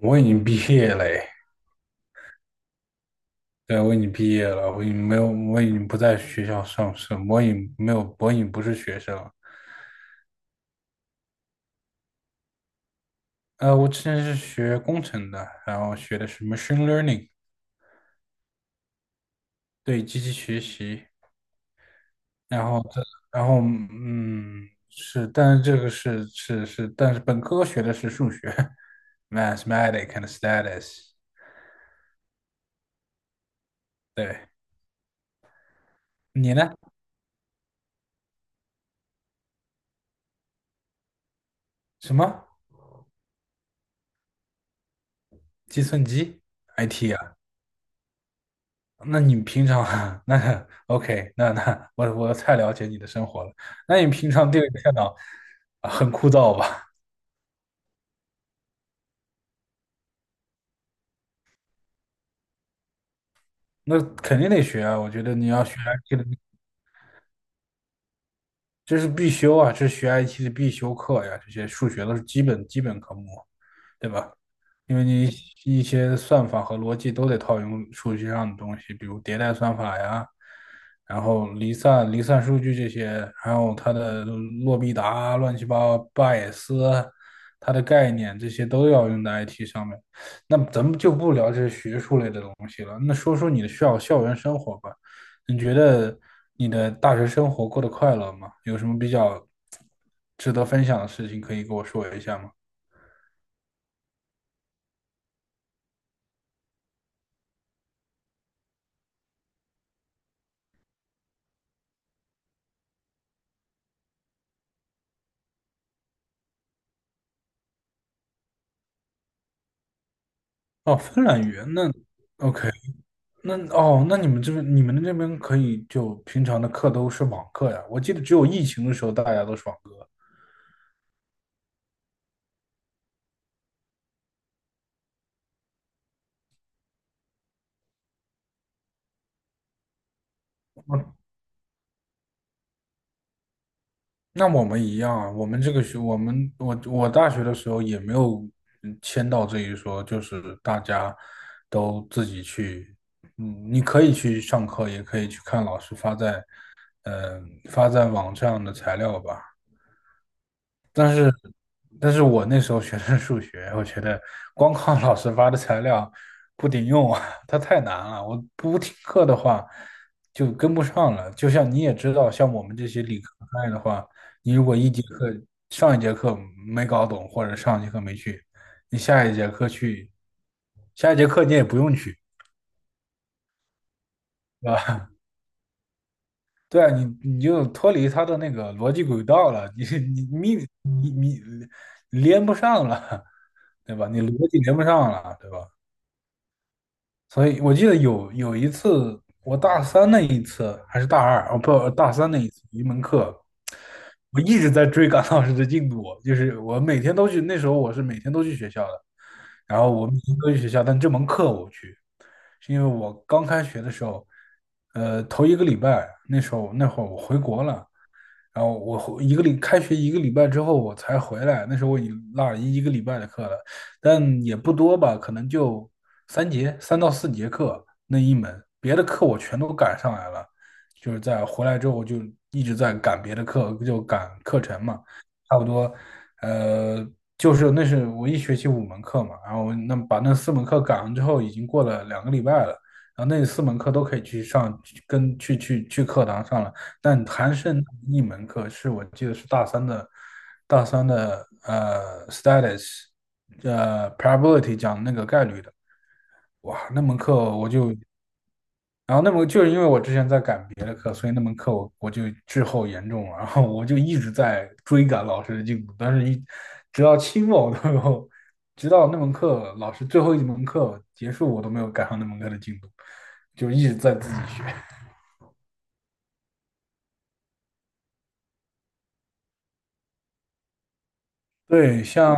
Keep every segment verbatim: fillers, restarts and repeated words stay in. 我已经毕业了诶。对，我已经毕业了，我已经没有，我已经不在学校上升，我已经没有，我已经不是学生了。呃，我之前是学工程的，然后学的是 machine learning，对，机器学习，然后这，然后嗯，是，但是这个是是是，但是本科学的是数学 ，mathematics and s t a t u s。 对。你呢？什么？计算机？I T 啊？那你平常 那 OK，那那我我太了解你的生活了。那你平常对着电脑啊很枯燥吧？那肯定得学啊，我觉得你要学 I T 的，这是必修啊，这是学 I T 的必修课呀，这些数学都是基本基本科目，对吧？因为你一些算法和逻辑都得套用数据上的东西，比如迭代算法呀，然后离散、离散数据这些，还有它的洛必达啊、乱七八糟、巴也斯啊，它的概念这些都要用在 I T 上面。那咱们就不聊这些学术类的东西了，那说说你的校校园生活吧。你觉得你的大学生活过得快乐吗？有什么比较值得分享的事情可以跟我说一下吗？哦，芬兰语言，那 OK。那哦，那你们这边你们那边可以就平常的课都是网课呀？我记得只有疫情的时候大家都是网课。嗯，那我们一样啊，我们这个学，我们我我大学的时候也没有嗯签到这一说，就是大家都自己去，嗯，你可以去上课，也可以去看老师发在嗯、呃发在网上的材料吧。但是我那时候学的是数学，我觉得光靠老师发的材料不顶用啊，它太难了。我不听课的话就跟不上了。就像你也知道，像我们这些理科派的话，你如果一节课上一节课没搞懂，或者上一节课没去，你下一节课去，下一节课你也不用去，对吧？对啊，你你就脱离他的那个逻辑轨道了，你你你连不上了，对吧？你逻辑连不上了，对吧？所以我记得有有一次，我大三那一次还是大二哦不，大三那一次一门课，我一直在追赶老师的进度，就是我每天都去，那时候我是每天都去学校的，然后我每天都去学校，但这门课我不去，是因为我刚开学的时候，呃，头一个礼拜那时候那会儿我回国了，然后我一个礼开学一个礼拜之后我才回来，那时候我已经落了一一个礼拜的课了，但也不多吧，可能就三节三到四节课那一门，别的课我全都赶上来了，就是在回来之后就一直在赶别的课，就赶课程嘛，差不多，呃，就是那是我一学期五门课嘛，然后那把那四门课赶上之后，已经过了两个礼拜了。然后那四门课都可以去上，去跟去去去课堂上了，但还剩一门课是我记得是大三的，大三的呃 status，呃 probability 讲那个概率的，哇，那门课我就然后那门就是因为我之前在赶别的课，所以那门课我我就滞后严重了，然后我就一直在追赶老师的进度，但是一直到期末我都没有，直到那门课老师最后一门课结束，我都没有赶上那门课的进度，就一直在自己学。对，像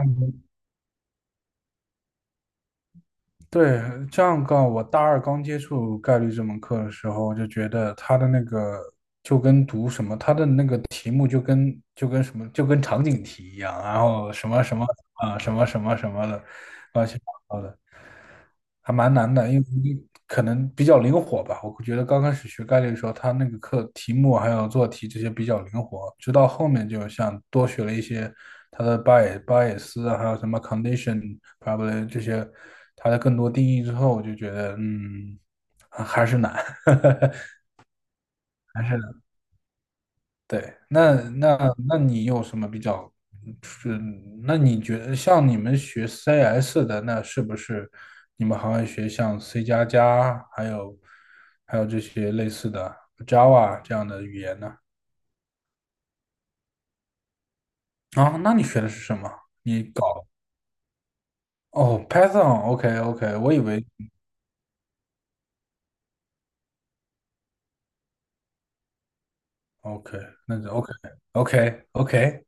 对，这样告我大二刚接触概率这门课的时候，我就觉得它的那个就跟读什么，它的那个题目就跟就跟什么就跟场景题一样，然后什么什么啊什么什么什么的，乱七八糟的。还蛮难的，因为可能比较灵活吧。我觉得刚开始学概率的时候，他那个课题目还有做题这些比较灵活，直到后面就像多学了一些它的 bias、bias 啊还有什么 condition、probably 这些它的更多定义之后，我就觉得嗯，还是难，还是难。对，那那那你有什么比较是？那你觉得像你们学 C S 的，那是不是你们还会学像 C 加加，还有还有这些类似的 Java 这样的语言呢？啊，那你学的是什么？你搞哦，Python，OK OK，我以为 OK，那就 OK OK OK。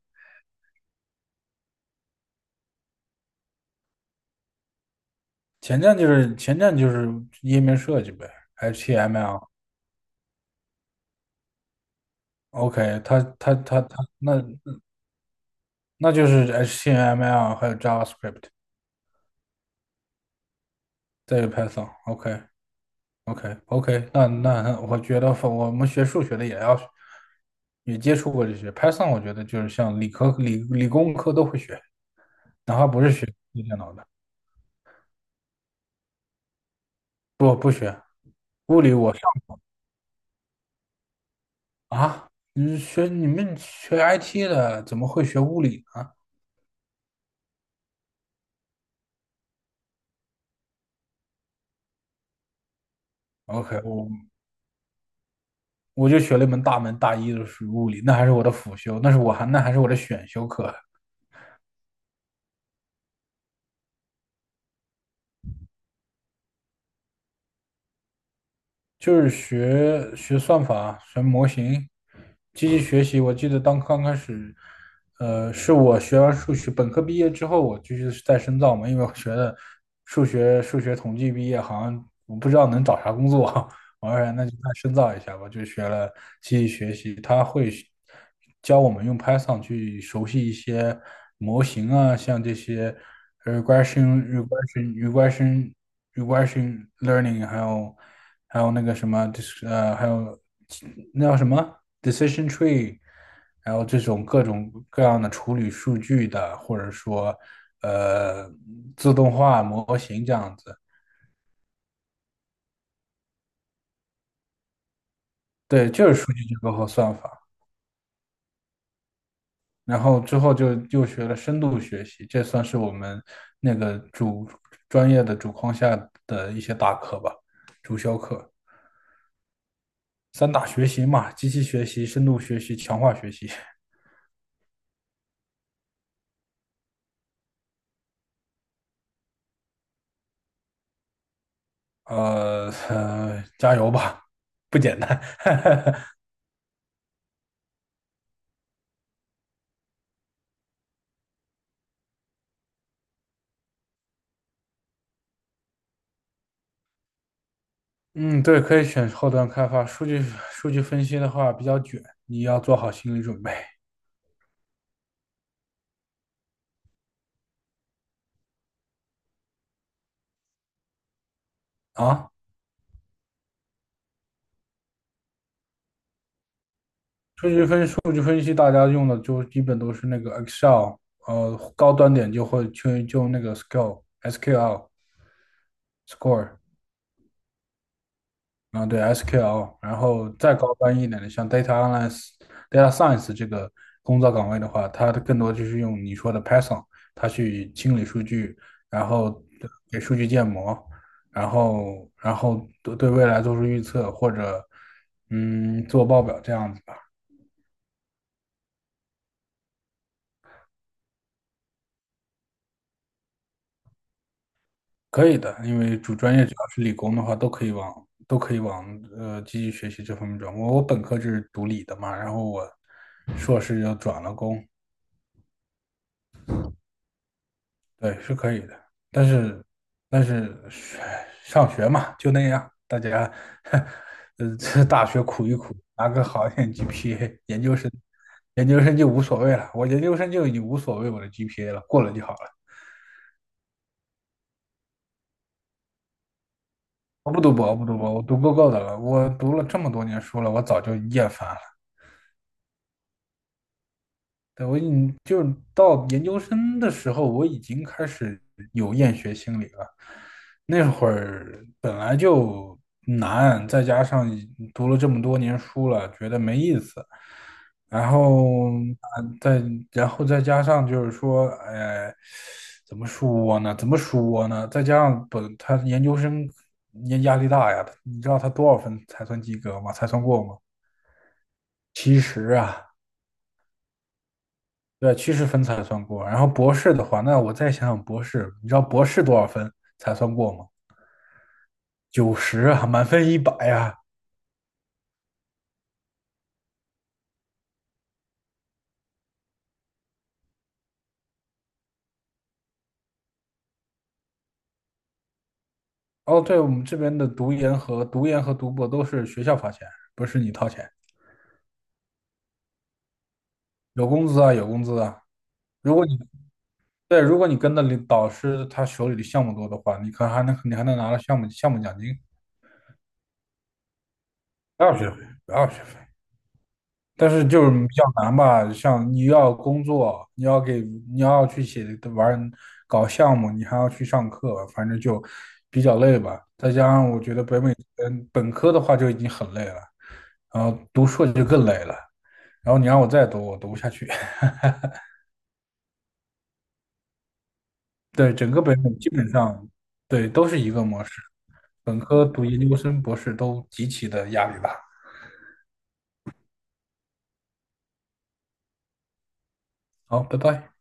前站就是前站就是页面设计呗，HTML。OK，它它它它，那那就是 HTML 还有 JavaScript，再有 Python。OK OK OK，那那我觉得我们学数学的也要也接触过这些。Python 我觉得就是像理科、理理工科都会学，哪怕不是学电脑的，不不学物理我上啊，你学你们学 I T 的怎么会学物理呢？OK，我我就学了一门大门大一的是物理，那还是我的辅修，那是我还那还是我的选修课。就是学学算法、学模型、机器学习。我记得当刚开始，呃，是我学完数学本科毕业之后，我继续再深造嘛，因为我学的数学数学统计毕业，好像我不知道能找啥工作。哎，那就再深造一下吧，就学了机器学习，它会学教我们用 Python 去熟悉一些模型啊，像这些 regression、regression、regression、regression learning，还有还有那个什么，就是呃，还有那叫什么 decision tree，还有这种各种各样的处理数据的，或者说呃自动化模型这样子，对，就是数据结构和算法。然后之后就又学了深度学习，这算是我们那个主专业的主框架的一些大课吧，主修课。三大学习嘛，机器学习、深度学习、强化学习。呃呃，加油吧，不简单。嗯，对，可以选后端开发。数据数据分析的话比较卷，你要做好心理准备啊。数据分数据分析，大家用的就基本都是那个 Excel，呃，高端点就会去就用那个 S Q L、S Q L、Score，啊，对 S Q L，然后再高端一点的，像 Data Analyst、Data Science 这个工作岗位的话，它更多就是用你说的 Python，它去清理数据，然后给数据建模，然后然后对对未来做出预测或者嗯做报表这样子。可以的，因为主专业只要是理工的话，都可以往都可以往呃继续学习这方面转。我我本科就是读理的嘛，然后我硕士又转了工，对，是可以的。但是但是唉，上学嘛，就那样，大家 呃这大学苦一苦，拿个好一点 G P A，研究生研究生就无所谓了。我研究生就已经无所谓我的 G P A 了，过了就好了。我不读博，我不读博，我读够够的了。我读了这么多年书了，我早就厌烦了。对，我你就到研究生的时候，我已经开始有厌学心理了。那会儿本来就难，再加上读了这么多年书了，觉得没意思。然后啊，再然后再加上就是说，哎，怎么说呢？怎么说呢？再加上本他研究生压压力大呀，你知道他多少分才算及格吗？才算过吗？其实啊，对，趋势分才算过。然后博士的话，那我再想想博士，你知道博士多少分才算过吗？九十啊，满分一百呀。哦，对，我们这边的读研和读研和读博都是学校发钱，不是你掏钱，有工资啊，有工资啊。如果你对，如果你跟的领导师他手里的项目多的话，你可还能你还能拿到项目项目奖金，不要学费，不要学费。但是就是比较难吧，像你要工作，你要给，你要去写玩搞项目，你还要去上课，反正就比较累吧。再加上我觉得北美嗯本科的话就已经很累了，然后读硕就更累了，然后你让我再读，我读不下去。对，整个北美基本上对都是一个模式，本科读研究生、博士都极其的压力大。好，拜拜。